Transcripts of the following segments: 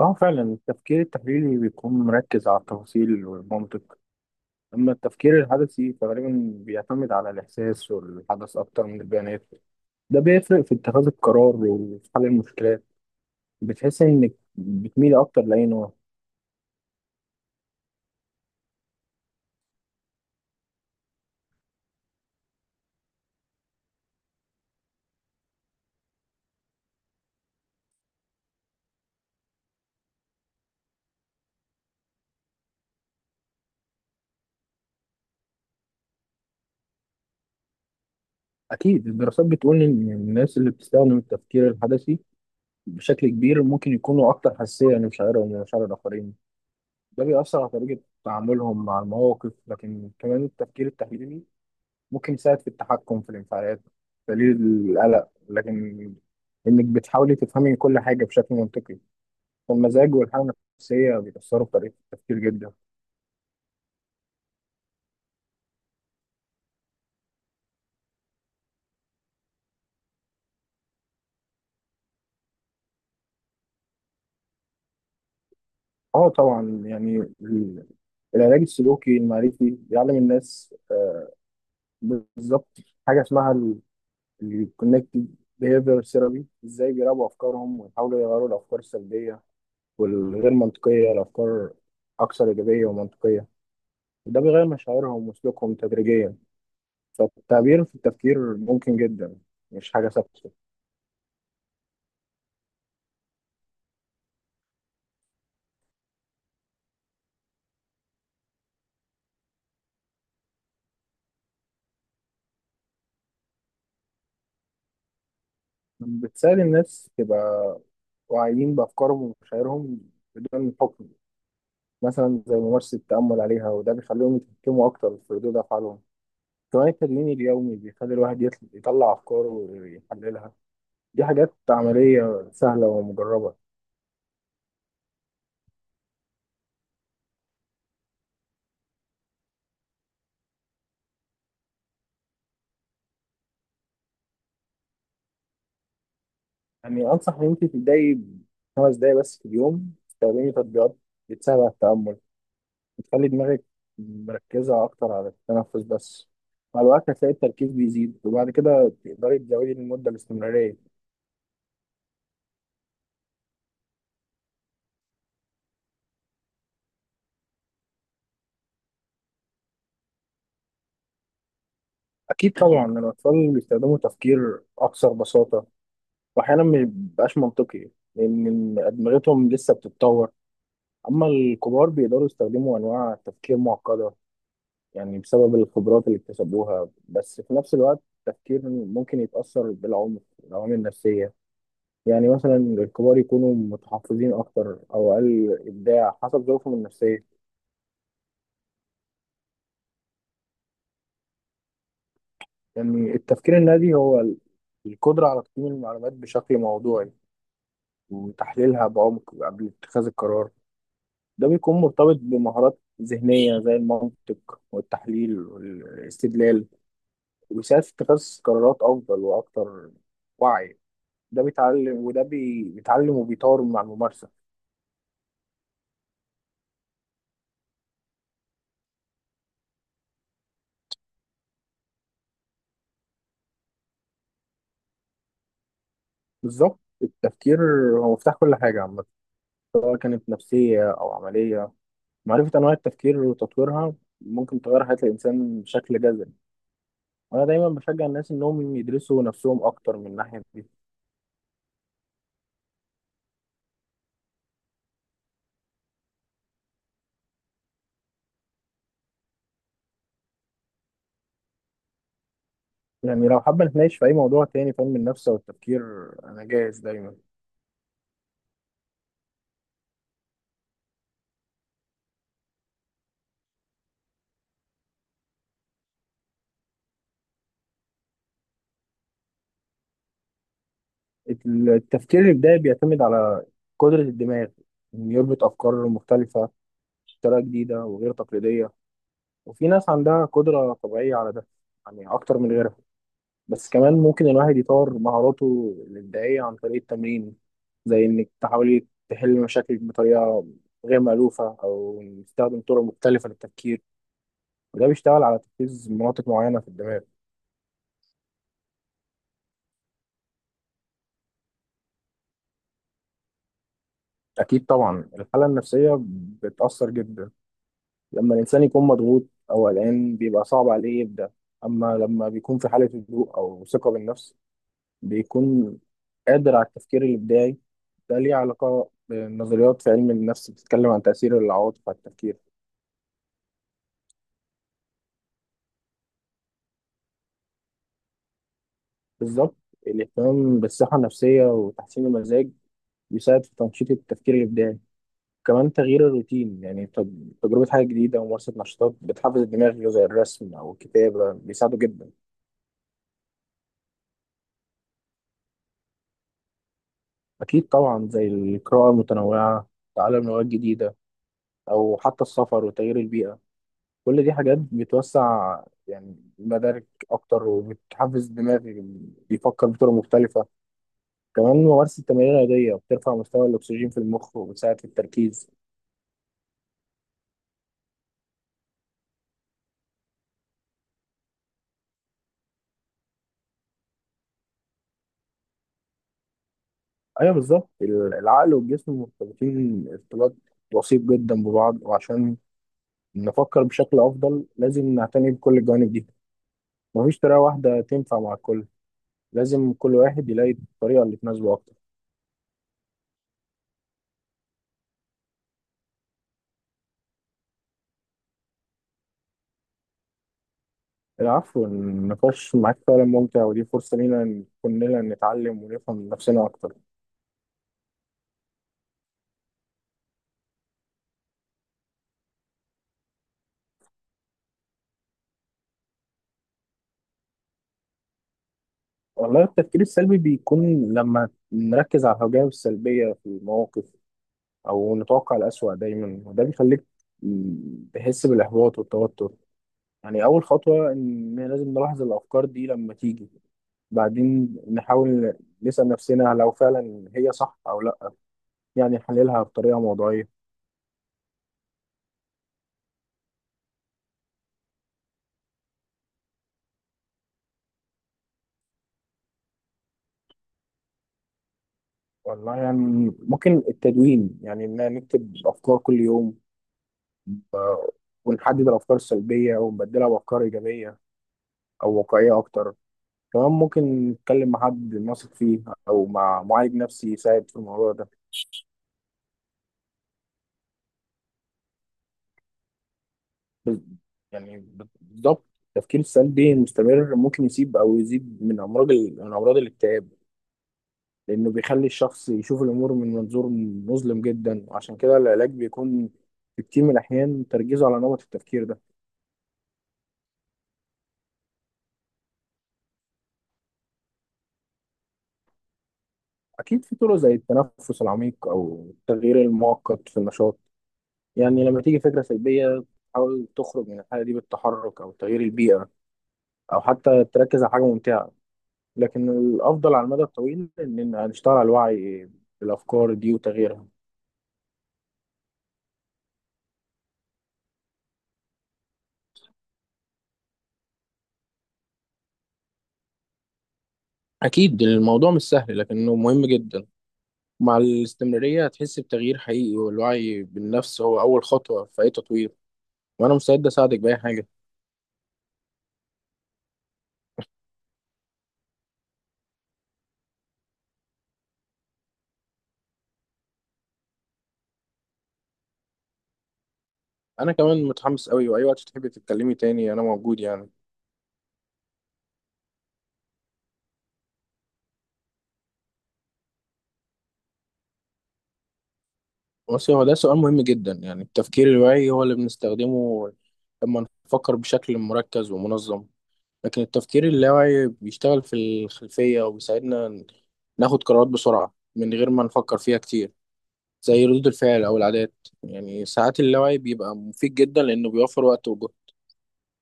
اه، فعلا التفكير التحليلي بيكون مركز على التفاصيل والمنطق. اما التفكير الحدثي فغالبا بيعتمد على الاحساس والحدث اكتر من البيانات. ده بيفرق في اتخاذ القرار وفي حل المشكلات. بتحس انك بتميل اكتر لاي نوع؟ اكيد الدراسات بتقول ان الناس اللي بتستخدم التفكير الحدثي بشكل كبير ممكن يكونوا اكتر حساسيه لمشاعرهم ومشاعر الاخرين. ده بيأثر على طريقه تعاملهم مع المواقف، لكن كمان التفكير التحليلي ممكن يساعد في التحكم في الانفعالات، تقليل القلق، لكن انك بتحاولي تفهمي كل حاجه بشكل منطقي. فالمزاج والحاله النفسيه بيأثروا في طريقه التفكير جدا. اه طبعا، يعني ال- العلاج السلوكي المعرفي بيعلم الناس، بالظبط، حاجه اسمها الكونكتد بيهيفير ثيرابي، ازاي بيراقبوا افكارهم ويحاولوا يغيروا الافكار السلبيه والغير منطقيه لافكار اكثر ايجابيه ومنطقيه. وده بيغير مشاعرهم وسلوكهم تدريجيا. فالتعبير في التفكير ممكن جدا، مش حاجة ثابتة. بتساعد الناس تبقى واعيين بأفكارهم ومشاعرهم بدون حكم، مثلا زي ممارسة التأمل عليها، وده بيخليهم يتحكموا أكتر في ردود أفعالهم. كمان التدوين اليومي بيخلي الواحد يطلع أفكاره ويحللها. دي حاجات عملية سهلة ومجربة. يعني أنصح إن أنت تبدأي 5 دقايق بس في اليوم، تستخدمي تطبيقات بتساعد على التأمل، بتخلي دماغك مركزة أكتر على التنفس بس. مع الوقت هتلاقي التركيز بيزيد، وبعد كده تقدري تزودي من المدة الاستمرارية. أكيد طبعا، أكيد الأطفال بيستخدموا تفكير أكثر بساطة، وأحيانا ما بيبقاش منطقي، لأن أدمغتهم لسه بتتطور. أما الكبار بيقدروا يستخدموا أنواع تفكير معقدة، يعني بسبب الخبرات اللي اكتسبوها. بس في نفس الوقت التفكير ممكن يتأثر بالعمر، العوامل النفسية، يعني مثلا الكبار يكونوا متحفظين أكتر أو أقل إبداع حسب ظروفهم النفسية. يعني التفكير النادي هو القدرة على تقييم المعلومات بشكل موضوعي وتحليلها بعمق قبل اتخاذ القرار. ده بيكون مرتبط بمهارات ذهنية زي المنطق والتحليل والاستدلال، وبيساعد في اتخاذ قرارات أفضل وأكثر وعي. ده بيتعلم، بيتعلم وبيطور مع الممارسة. بالظبط، التفكير هو مفتاح كل حاجة عامة، سواء كانت نفسية أو عملية. معرفة أنواع التفكير وتطويرها ممكن تغير حياة الإنسان بشكل جذري. وأنا دايما بشجع الناس إنهم يدرسوا نفسهم أكتر من الناحية دي. يعني لو حابة نتناقش في أي موضوع تاني، فهم النفس أو التفكير، أنا جاهز دايما. التفكير الإبداعي بيعتمد على قدرة الدماغ إنه يربط أفكار مختلفة بطريقة جديدة وغير تقليدية. وفي ناس عندها قدرة طبيعية على ده، يعني أكتر من غيرها. بس كمان ممكن الواحد يطور مهاراته الإبداعية عن طريق التمرين، زي إنك تحاولي تحلي مشاكلك بطريقة غير مألوفة، أو نستخدم طرق مختلفة للتفكير. وده بيشتغل على تركيز مناطق معينة في الدماغ. أكيد طبعا، الحالة النفسية بتأثر جدا. لما الإنسان يكون مضغوط أو قلقان بيبقى صعب عليه يبدأ. أما لما بيكون في حالة هدوء أو ثقة بالنفس بيكون قادر على التفكير الإبداعي. ده ليه علاقة بنظريات في علم النفس بتتكلم عن تأثير العواطف على التفكير. بالظبط، الاهتمام بالصحة النفسية وتحسين المزاج بيساعد في تنشيط التفكير الإبداعي. كمان تغيير الروتين، يعني تجربة حاجة جديدة وممارسة نشاطات بتحفز الدماغ زي الرسم أو الكتابة، بيساعده جدا. أكيد طبعا، زي القراءة المتنوعة، تعلم لغات جديدة، أو حتى السفر وتغيير البيئة، كل دي حاجات بتوسع يعني مدارك أكتر، وبتحفز الدماغ بيفكر بطرق مختلفة. كمان ممارسة تمارين رياضية بترفع مستوى الأكسجين في المخ وبتساعد في التركيز. ايوه بالظبط، العقل والجسم مرتبطين ارتباط وثيق جدا ببعض، وعشان نفكر بشكل افضل لازم نعتني بكل الجوانب دي. مفيش طريقه واحده تنفع مع الكل، لازم كل واحد يلاقي الطريقه اللي تناسبه اكتر. العفو، النقاش معاك فعلا ممتع، ودي فرصه لينا إن كلنا نتعلم ونفهم نفسنا اكتر. والله التفكير السلبي بيكون لما نركز على الجوانب السلبيه في المواقف، او نتوقع الأسوأ دايما، وده بيخليك تحس بالاحباط والتوتر. يعني أول خطوة إن لازم نلاحظ الأفكار دي لما تيجي، بعدين نحاول نسأل نفسنا لو فعلا هي صح أو لأ، يعني نحللها بطريقة موضوعية. والله يعني ممكن التدوين، يعني إن نكتب أفكار كل يوم، آه، ونحدد الأفكار السلبية ونبدلها بأفكار إيجابية أو واقعية أكتر. كمان ممكن نتكلم مع حد نثق فيه، أو مع معالج نفسي يساعد في الموضوع ده. بز- يعني بالظبط، التفكير السلبي المستمر ممكن يسيب او يزيد من امراض من امراض الاكتئاب، لانه بيخلي الشخص يشوف الامور من منظور مظلم جدا. وعشان كده العلاج بيكون في كتير من الاحيان تركيزه على نمط التفكير ده. اكيد في طرق زي التنفس العميق او التغيير المؤقت في النشاط. يعني لما تيجي فكره سلبيه تحاول تخرج من الحاله دي بالتحرك او تغيير البيئه، او حتى تركز على حاجه ممتعه. لكن الأفضل على المدى الطويل إن نشتغل على الوعي بالأفكار دي وتغييرها. أكيد الموضوع مش سهل لكنه مهم جدا. مع الاستمرارية هتحس بتغيير حقيقي، والوعي بالنفس هو أول خطوة في أي تطوير. وأنا مستعد أساعدك بأي حاجة. أنا كمان متحمس أوي، وأي وقت تحبي تتكلمي تاني أنا موجود يعني. بس هو ده سؤال مهم جدا. يعني التفكير الواعي هو اللي بنستخدمه لما نفكر بشكل مركز ومنظم، لكن التفكير اللاواعي بيشتغل في الخلفية وبيساعدنا ناخد قرارات بسرعة من غير ما نفكر فيها كتير، زي ردود الفعل أو العادات. يعني ساعات اللاوعي بيبقى مفيد جدا لأنه بيوفر وقت وجهد،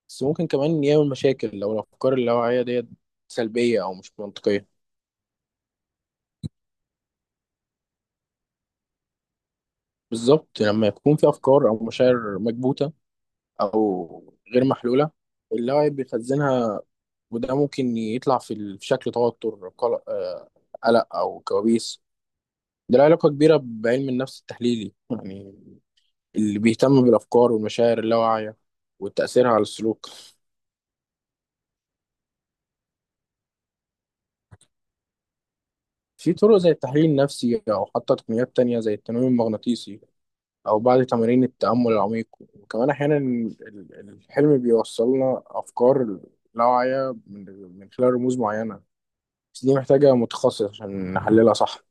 بس ممكن كمان يعمل مشاكل لو الأفكار اللاواعية ديت سلبية أو مش منطقية. بالظبط، لما يكون في أفكار أو مشاعر مكبوتة أو غير محلولة، اللاوعي بيخزنها، وده ممكن يطلع في في شكل توتر، قلق، قلق أو كوابيس. ده له علاقة كبيرة بعلم النفس التحليلي، يعني اللي بيهتم بالأفكار والمشاعر اللاواعية وتأثيرها على السلوك. في طرق زي التحليل النفسي، أو حتى تقنيات تانية زي التنويم المغناطيسي، أو بعض تمارين التأمل العميق. وكمان أحيانا الحلم بيوصلنا أفكار لاواعية من خلال رموز معينة. بس دي محتاجة متخصص عشان نحللها صح.